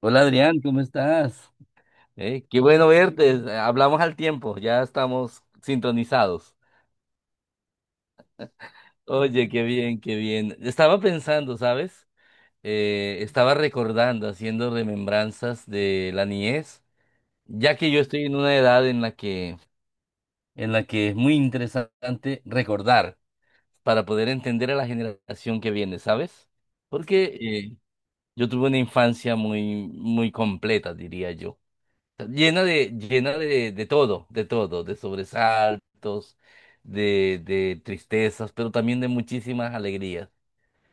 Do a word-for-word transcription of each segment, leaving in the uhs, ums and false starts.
Hola Adrián, ¿cómo estás? Eh, qué bueno verte. eh, Hablamos al tiempo, ya estamos sintonizados. Oye, qué bien, qué bien. Estaba pensando, ¿sabes? Eh, estaba recordando, haciendo remembranzas de la niñez, ya que yo estoy en una edad en la que, en la que es muy interesante recordar para poder entender a la generación que viene, ¿sabes? Porque eh, yo tuve una infancia muy, muy completa, diría yo. Llena de, llena de, de todo, de todo, de sobresaltos, de, de tristezas, pero también de muchísimas alegrías.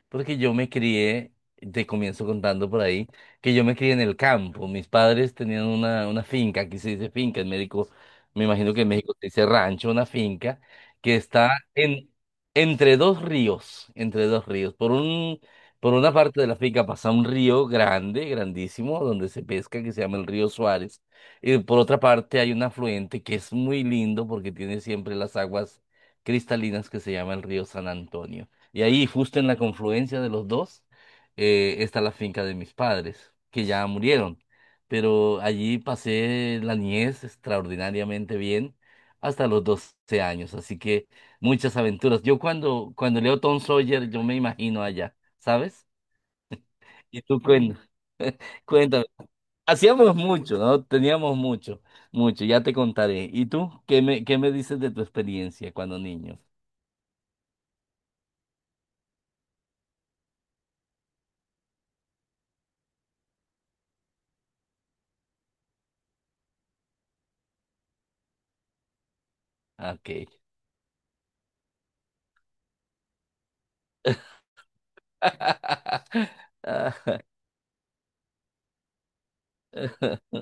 Porque yo me crié, te comienzo contando por ahí, que yo me crié en el campo. Mis padres tenían una, una finca, aquí se dice finca, en México, me imagino que en México se dice rancho, una finca, que está en, entre dos ríos, entre dos ríos. Por un, por una parte de la finca pasa un río grande, grandísimo, donde se pesca, que se llama el río Suárez. Y por otra parte hay un afluente que es muy lindo porque tiene siempre las aguas cristalinas que se llama el río San Antonio. Y ahí, justo en la confluencia de los dos, eh, está la finca de mis padres, que ya murieron. Pero allí pasé la niñez extraordinariamente bien hasta los doce años. Así que muchas aventuras. Yo cuando, cuando leo Tom Sawyer, yo me imagino allá, ¿sabes? Y tú cuen- cuéntame. Hacíamos mucho, ¿no? Teníamos mucho, mucho. Ya te contaré. ¿Y tú qué me, qué me dices de tu experiencia cuando niño? Ok. Ah.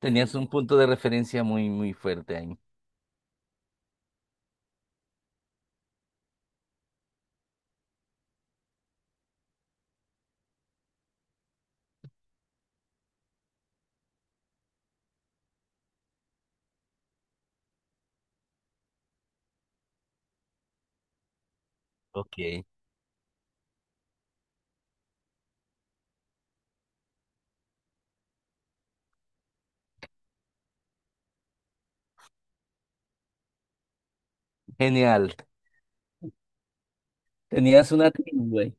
Tenías un punto de referencia muy, muy fuerte ahí. Ok, genial. Tenías una tribu.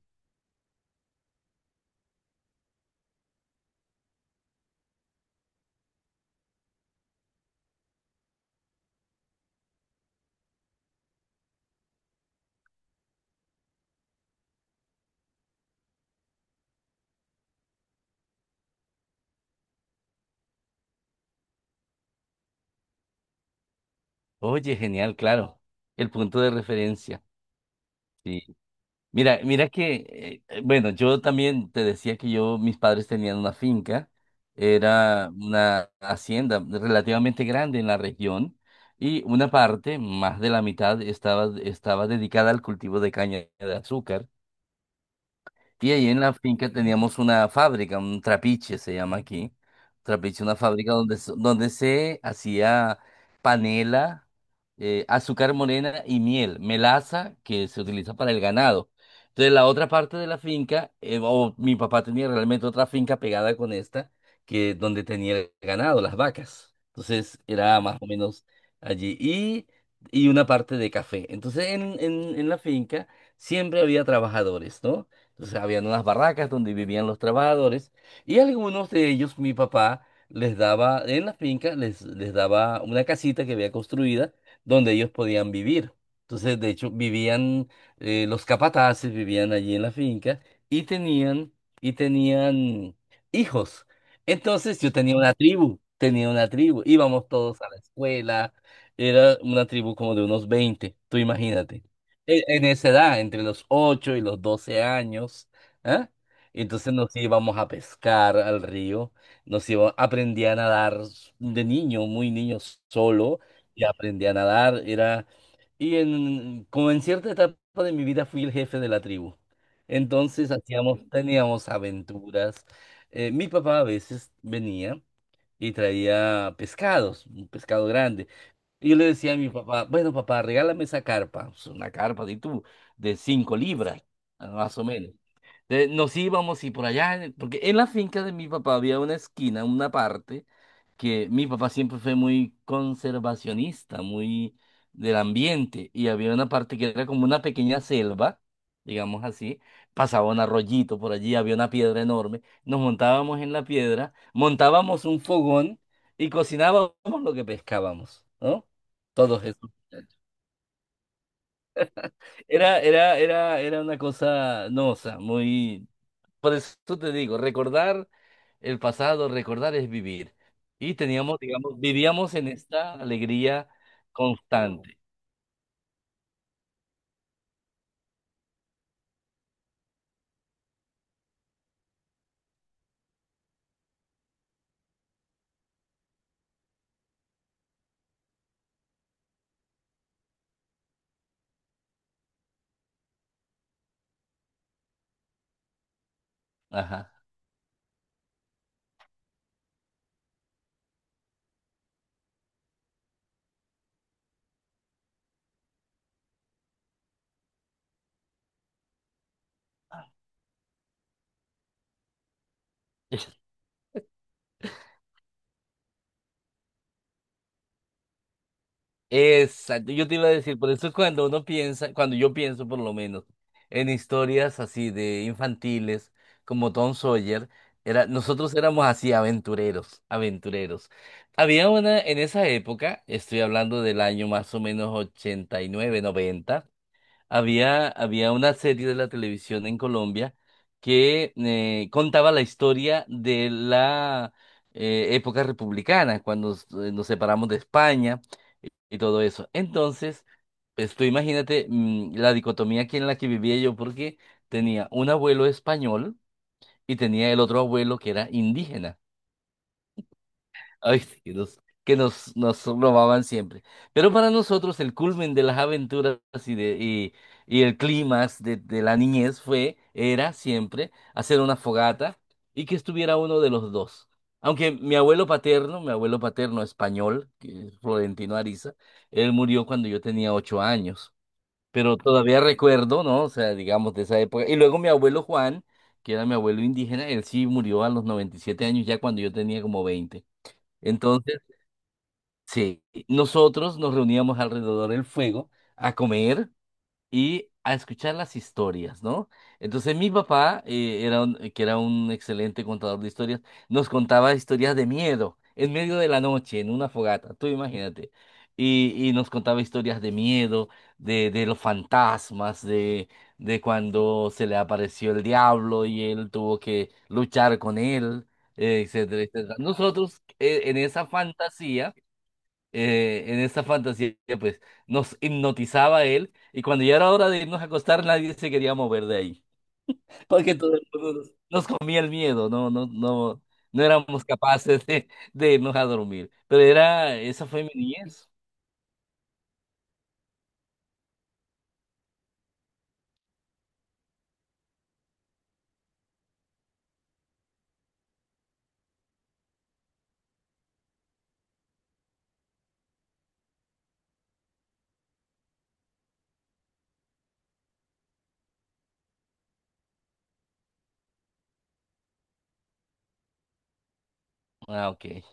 Oye, genial, claro. El punto de referencia. Sí. Mira, mira que, eh, bueno, yo también te decía que yo, mis padres tenían una finca, era una hacienda relativamente grande en la región y una parte, más de la mitad, estaba, estaba dedicada al cultivo de caña de azúcar. Y ahí en la finca teníamos una fábrica, un trapiche se llama aquí. Trapiche, una fábrica donde, se- donde se hacía panela, eh, azúcar morena y miel, melaza que se utiliza para el ganado. Entonces la otra parte de la finca, eh, o mi papá tenía realmente otra finca pegada con esta, que donde tenía el ganado, las vacas. Entonces era más o menos allí. Y, y una parte de café. Entonces en, en en la finca siempre había trabajadores, ¿no? Entonces habían unas barracas donde vivían los trabajadores y algunos de ellos, mi papá, les daba, en la finca, les, les daba una casita que había construida donde ellos podían vivir. Entonces, de hecho, vivían, eh, los capataces vivían allí en la finca y tenían, y tenían hijos. Entonces yo tenía una tribu, tenía una tribu, íbamos todos a la escuela, era una tribu como de unos veinte. Tú imagínate e- en esa edad, entre los ocho y los doce años, ¿ah? Entonces nos íbamos a pescar al río, nos iba, aprendí a nadar s- de niño, muy niño solo, y aprendí a nadar, era, y en, como en cierta etapa de mi vida fui el jefe de la tribu. Entonces hacíamos, teníamos aventuras. Eh, mi papá a veces venía y traía pescados, un pescado grande. Y yo le decía a mi papá, bueno, papá, regálame esa carpa, pues, una carpa de tú, de cinco libras, ah, más o menos. Entonces, nos íbamos y por allá, en- porque en la finca de mi papá había una esquina, una parte, que mi papá siempre fue muy conservacionista, muy del ambiente, y había una parte que era como una pequeña selva, digamos así, pasaba un arroyito por allí, había una piedra enorme, nos montábamos en la piedra, montábamos un fogón y cocinábamos lo que pescábamos, ¿no? Todos esos muchachos. Era, era, era, era una cosa, no, o sea, muy. Por eso te digo, recordar el pasado, recordar es vivir. Y teníamos, digamos, vivíamos en esta alegría constante. Ajá. Exacto, yo te iba a decir, por eso cuando uno piensa, cuando yo pienso por lo menos en historias así de infantiles como Tom Sawyer, era, nosotros éramos así aventureros, aventureros. Había una en esa época, estoy hablando del año más o menos ochenta y nueve, noventa. Había, había una serie de la televisión en Colombia que eh, contaba la historia de la eh, época republicana, cuando nos, eh, nos separamos de España y, y todo eso. Entonces, pues tú imagínate mm, la dicotomía aquí en la que vivía yo, porque tenía un abuelo español y tenía el otro abuelo que era indígena. Ay, sí, que nos, que nos, nos robaban siempre. Pero para nosotros el culmen de las aventuras y, de, y, y el clímax de, de la niñez fue, era siempre hacer una fogata y que estuviera uno de los dos. Aunque mi abuelo paterno, mi abuelo paterno español, que es Florentino Ariza, él murió cuando yo tenía ocho años. Pero todavía recuerdo, ¿no? O sea, digamos de esa época. Y luego mi abuelo Juan, que era mi abuelo indígena, él sí murió a los noventa y siete años, ya cuando yo tenía como veinte. Entonces, sí, nosotros nos reuníamos alrededor del fuego a comer y a escuchar las historias, ¿no? Entonces mi papá, eh, era un- que era un excelente contador de historias, nos contaba historias de miedo en medio de la noche, en una fogata, tú imagínate. Y, y nos contaba historias de miedo, de, de los fantasmas, de, de cuando se le apareció el diablo y él tuvo que luchar con él, eh, etcétera, etcétera. Nosotros, eh, en esa fantasía eh, en esa fantasía, pues nos hipnotizaba él y cuando ya era hora de irnos a acostar, nadie se quería mover de ahí, porque todo el mundo nos, nos comía el miedo, no, no, no, no éramos capaces de, de irnos a dormir. Pero era, esa fue mi niñez. Ah, ok.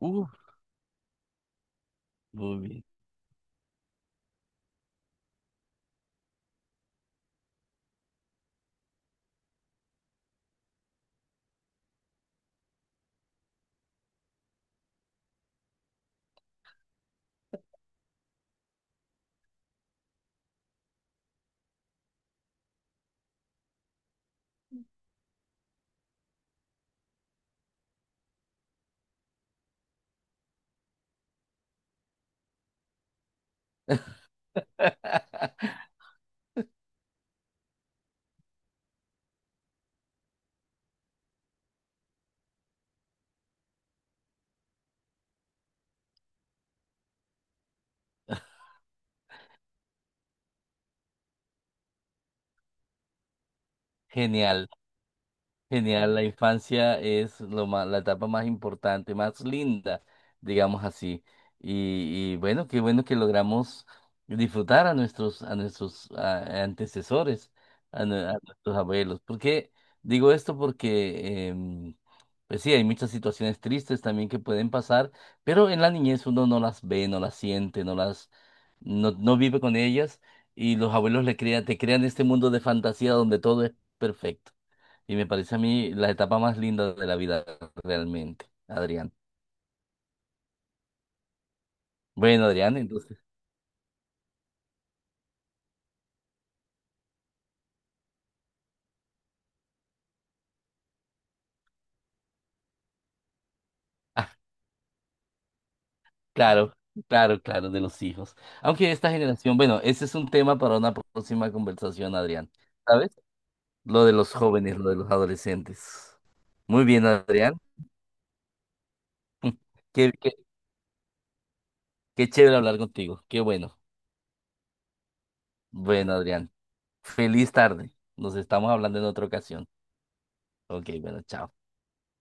Uh, Muy bien. Genial. Genial, la infancia es lo ma- la etapa más importante, más linda, digamos así. Y, y bueno, qué bueno que logramos disfrutar a nuestros, a nuestros ah, antecesores, a, nue- a nuestros abuelos. ¿Por qué digo esto? Porque, em, pues sí, hay muchas situaciones tristes también que pueden pasar, pero en la niñez uno no las ve, no las siente, no las, no, no vive con ellas y los abuelos le crean, te crean este mundo de fantasía donde todo es perfecto. Y me parece a mí la etapa más linda de la vida realmente, Adrián. Bueno, Adrián, entonces, ah, claro, claro, claro, de los hijos. Aunque esta generación, bueno, ese es un tema para una próxima conversación, Adrián. ¿Sabes? Lo de los jóvenes, lo de los adolescentes. Muy bien, Adrián. Qué, qué, qué chévere hablar contigo. Qué bueno. Bueno, Adrián. Feliz tarde. Nos estamos hablando en otra ocasión. Ok, bueno, chao.